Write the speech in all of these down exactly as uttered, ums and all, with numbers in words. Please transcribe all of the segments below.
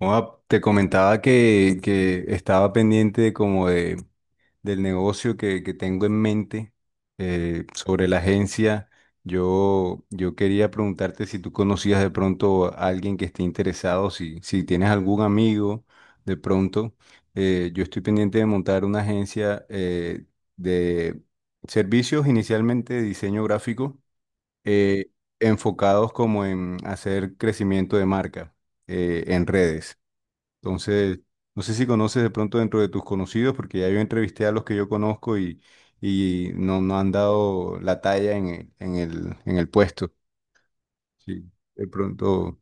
Joa, te comentaba que, que estaba pendiente como de, del negocio que, que tengo en mente eh, sobre la agencia. Yo, yo quería preguntarte si tú conocías de pronto a alguien que esté interesado, si, si tienes algún amigo de pronto. Eh, yo estoy pendiente de montar una agencia eh, de servicios inicialmente de diseño gráfico eh, enfocados como en hacer crecimiento de marca eh, en redes. Entonces, no sé si conoces de pronto dentro de tus conocidos, porque ya yo entrevisté a los que yo conozco y, y no, no han dado la talla en, el, en el en el puesto. Sí, de pronto.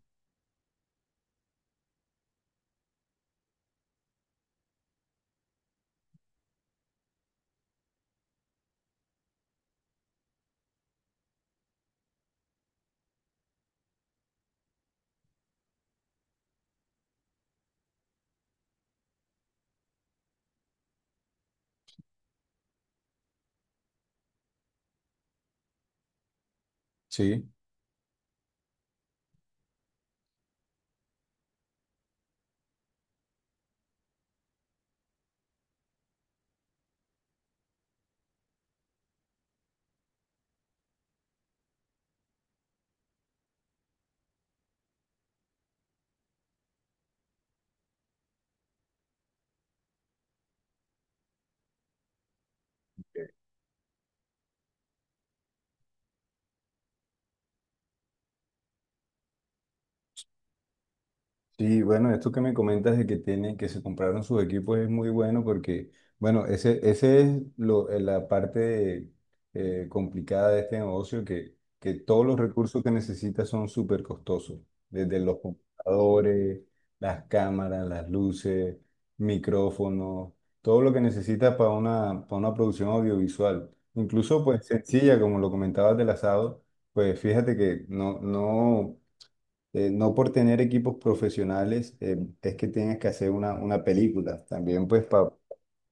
Sí. Sí, bueno, esto que me comentas de que tiene, que se compraron sus equipos es muy bueno porque, bueno, ese, ese es lo, eh, la parte eh, complicada de este negocio, que, que todos los recursos que necesitas son súper costosos, desde los computadores, las cámaras, las luces, micrófonos, todo lo que necesitas para una, para una producción audiovisual. Incluso, pues, sencilla, como lo comentabas del asado, pues fíjate que no, no eh, no por tener equipos profesionales eh, es que tienes que hacer una, una película. También pues para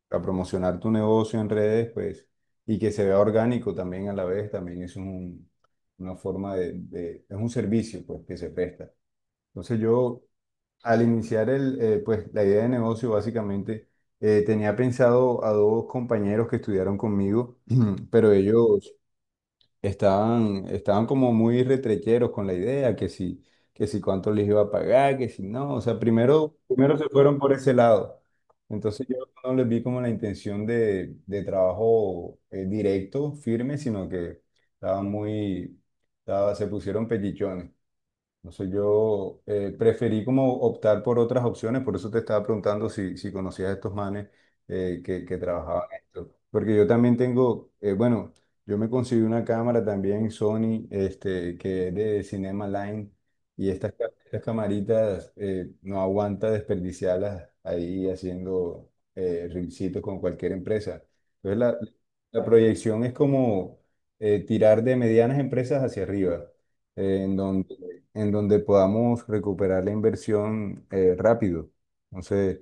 promocionar tu negocio en redes pues y que se vea orgánico también a la vez, también es un, una forma de, de- es un servicio pues que se presta. Entonces yo al iniciar el, eh, pues la idea de negocio básicamente eh, tenía pensado a dos compañeros que estudiaron conmigo, pero ellos estaban, estaban como muy retrecheros con la idea, que si, que si cuánto les iba a pagar, que si no, o sea, primero, primero se fueron por ese lado. Entonces yo no les vi como la intención de, de trabajo eh, directo, firme, sino que estaban muy, estaba, se pusieron pellichones. Entonces yo eh, preferí como optar por otras opciones, por eso te estaba preguntando si, si conocías a estos manes eh, que, que trabajaban en esto. Porque yo también tengo, eh, bueno, yo me conseguí una cámara también Sony, este, que es de Cinema Line, y estas, ca- estas camaritas eh, no aguanta desperdiciarlas ahí haciendo eh, reelcitos con cualquier empresa. Entonces la, la proyección es como eh, tirar de medianas empresas hacia arriba, eh, en donde en donde podamos recuperar la inversión eh, rápido. Entonces,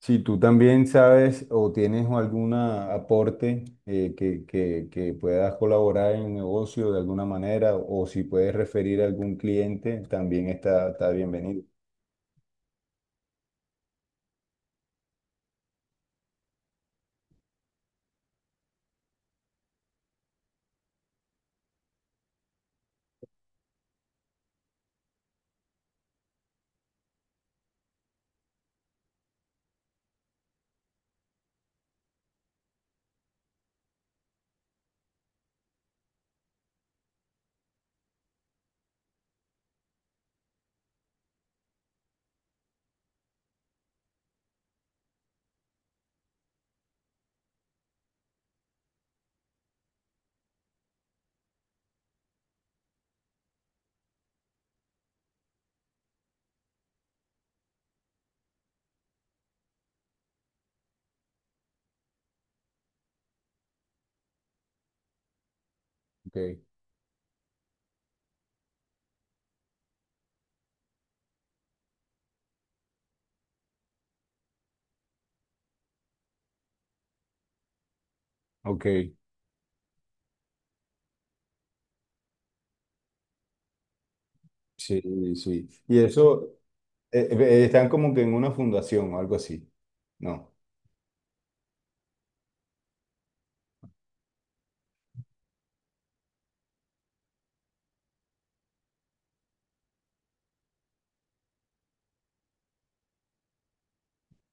si tú también sabes o tienes algún aporte eh, que, que, que puedas colaborar en el negocio de alguna manera o si puedes referir a algún cliente, también está, está bienvenido. Ok, ok, sí, sí. Y eso, eh, eh, están como que en una fundación o algo así. No,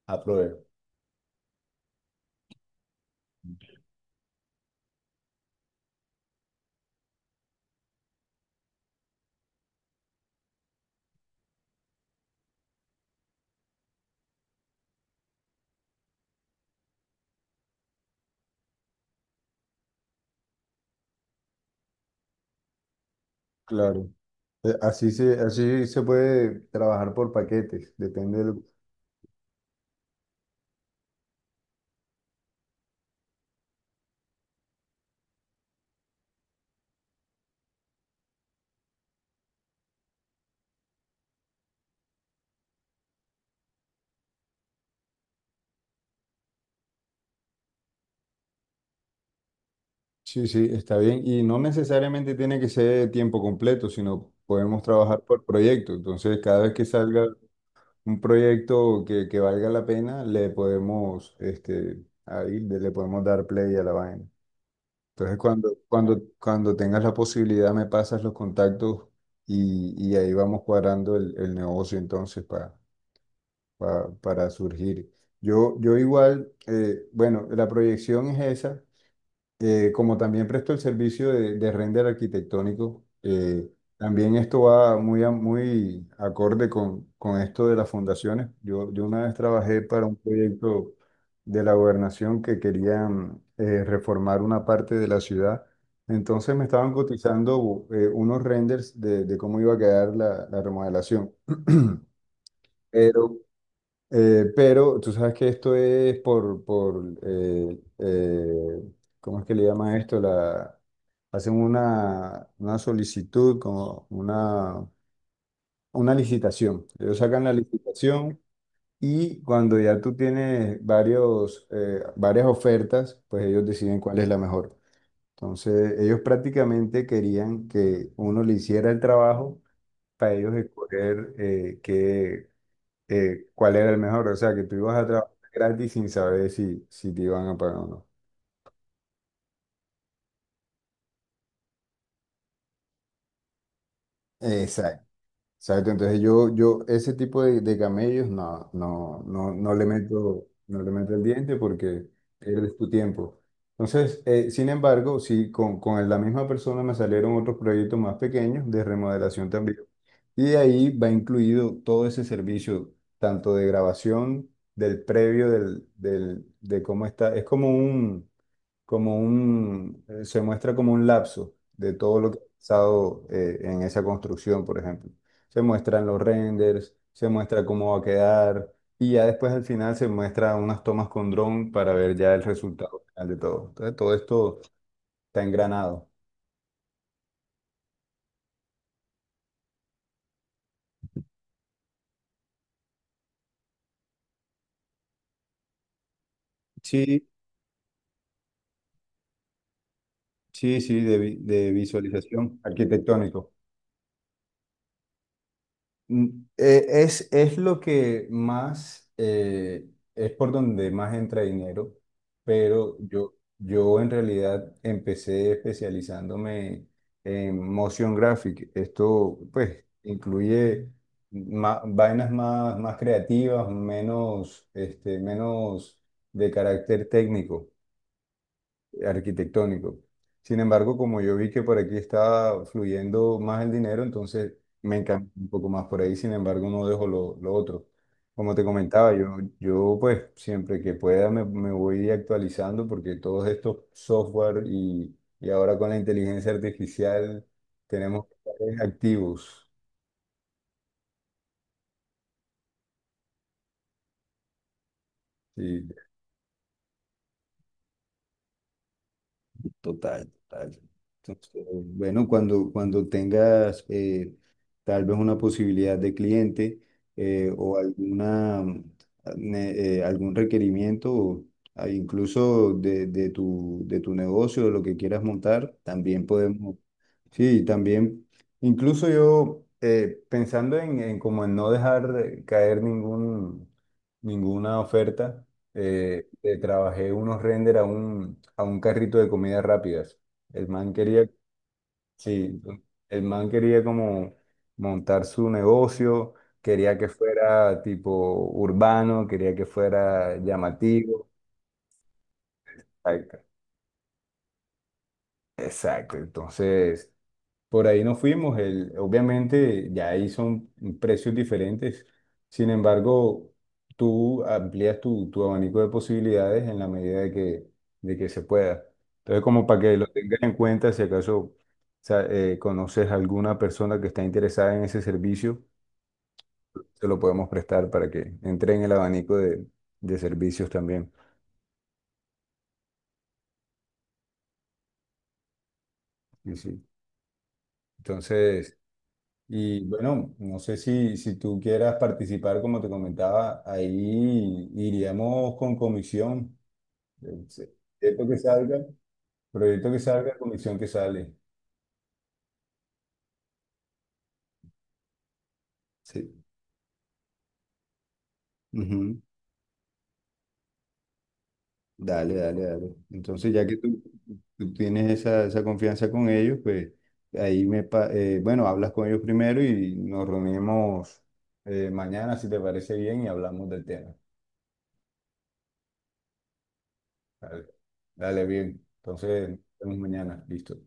aprobé. Claro. Eh, Así se, así se puede trabajar por paquetes, depende del. Sí, sí, está bien. Y no necesariamente tiene que ser tiempo completo, sino podemos trabajar por proyecto. Entonces, cada vez que salga un proyecto que, que valga la pena, le podemos, este, ahí de- le podemos dar play a la vaina. Entonces, cuando, cuando, cuando tengas la posibilidad, me pasas los contactos y, y ahí vamos cuadrando el, el negocio entonces para, para surgir. Yo, yo igual, eh, bueno, la proyección es esa eh, como también presto el servicio de, de render arquitectónico, eh, también esto va muy, a- muy acorde con, con esto de las fundaciones. Yo, yo una vez trabajé para un proyecto de la gobernación que querían eh, reformar una parte de la ciudad. Entonces me estaban cotizando eh, unos renders de, de cómo iba a quedar la, la remodelación. Pero eh, pero tú sabes que esto es por, por eh, eh, ¿cómo es que le llama esto? La, hacen una, una solicitud, como una, una licitación. Ellos sacan la licitación y cuando ya tú tienes varios, eh, varias ofertas, pues ellos deciden cuál es la mejor. Entonces, ellos prácticamente querían que uno le hiciera el trabajo para ellos escoger eh, qué, eh, cuál era el mejor. O sea, que tú ibas a Mm. trabajar gratis sin saber si, si te iban a pagar o no. Exacto. Exacto, entonces yo, yo ese tipo de, de camellos no, no, no, no le meto, no le meto el diente porque pierdes tu tiempo. Entonces, eh, sin embargo, sí, con, con la misma persona me salieron otros proyectos más pequeños de remodelación también. Y de ahí va incluido todo ese servicio, tanto de grabación del previo, del, del, de cómo está. Es como un, como un, eh, se muestra como un lapso de todo lo que ha pasado eh, en esa construcción, por ejemplo. Se muestran los renders, se muestra cómo va a quedar y ya después al final se muestra unas tomas con dron para ver ya el resultado final de todo. Entonces todo esto está engranado. Sí, sí, sí, de, vi- de visualización arquitectónico. Mm, eh, Es, es lo que más, eh, es por donde más entra dinero, pero yo, yo en realidad empecé especializándome en motion graphic. Esto pues incluye ma- vainas más, más creativas, menos, este, menos de carácter técnico arquitectónico. Sin embargo, como yo vi que por aquí estaba fluyendo más el dinero, entonces me encanta un poco más por ahí, sin embargo, no dejo lo, lo otro. Como te comentaba, yo, yo pues siempre que pueda me, me voy actualizando porque todos estos software y, y ahora con la inteligencia artificial tenemos que estar activos. Sí. Total, total. Entonces, bueno, cuando, cuando tengas eh, tal vez una posibilidad de cliente eh, o alguna, ne- eh, algún requerimiento, o, ah, incluso de, de tu, de tu negocio, de lo que quieras montar, también podemos, sí, también, incluso yo eh, pensando en, en como en no dejar caer ningún, ninguna oferta eh, le trabajé unos render a un, a un carrito de comidas rápidas. El man quería, sí, el man quería como montar su negocio, quería que fuera tipo urbano, quería que fuera llamativo. Exacto, exacto, entonces. Por ahí nos fuimos, el, obviamente ya ahí son precios diferentes, sin embargo, tú amplías tu, tu abanico de posibilidades en la medida de que, de que se pueda. Entonces, como para que Sí. lo tengas en cuenta, si acaso sa- eh, conoces alguna persona que está interesada en ese servicio, te lo podemos prestar para que entre en el abanico de, de servicios también. Y sí. Entonces, y bueno, no sé si, si tú quieras participar, como te comentaba, ahí iríamos con comisión. El se- proyecto que salga, proyecto que salga, comisión que sale. Sí. Ujú. Dale, dale, dale. Entonces, ya que tú, tú tienes esa, esa confianza con ellos, pues ahí me, pa- eh, bueno, hablas con ellos primero y nos reunimos eh, mañana, si te parece bien, y hablamos del tema. Dale, dale, bien. Entonces, nos vemos mañana. Listo.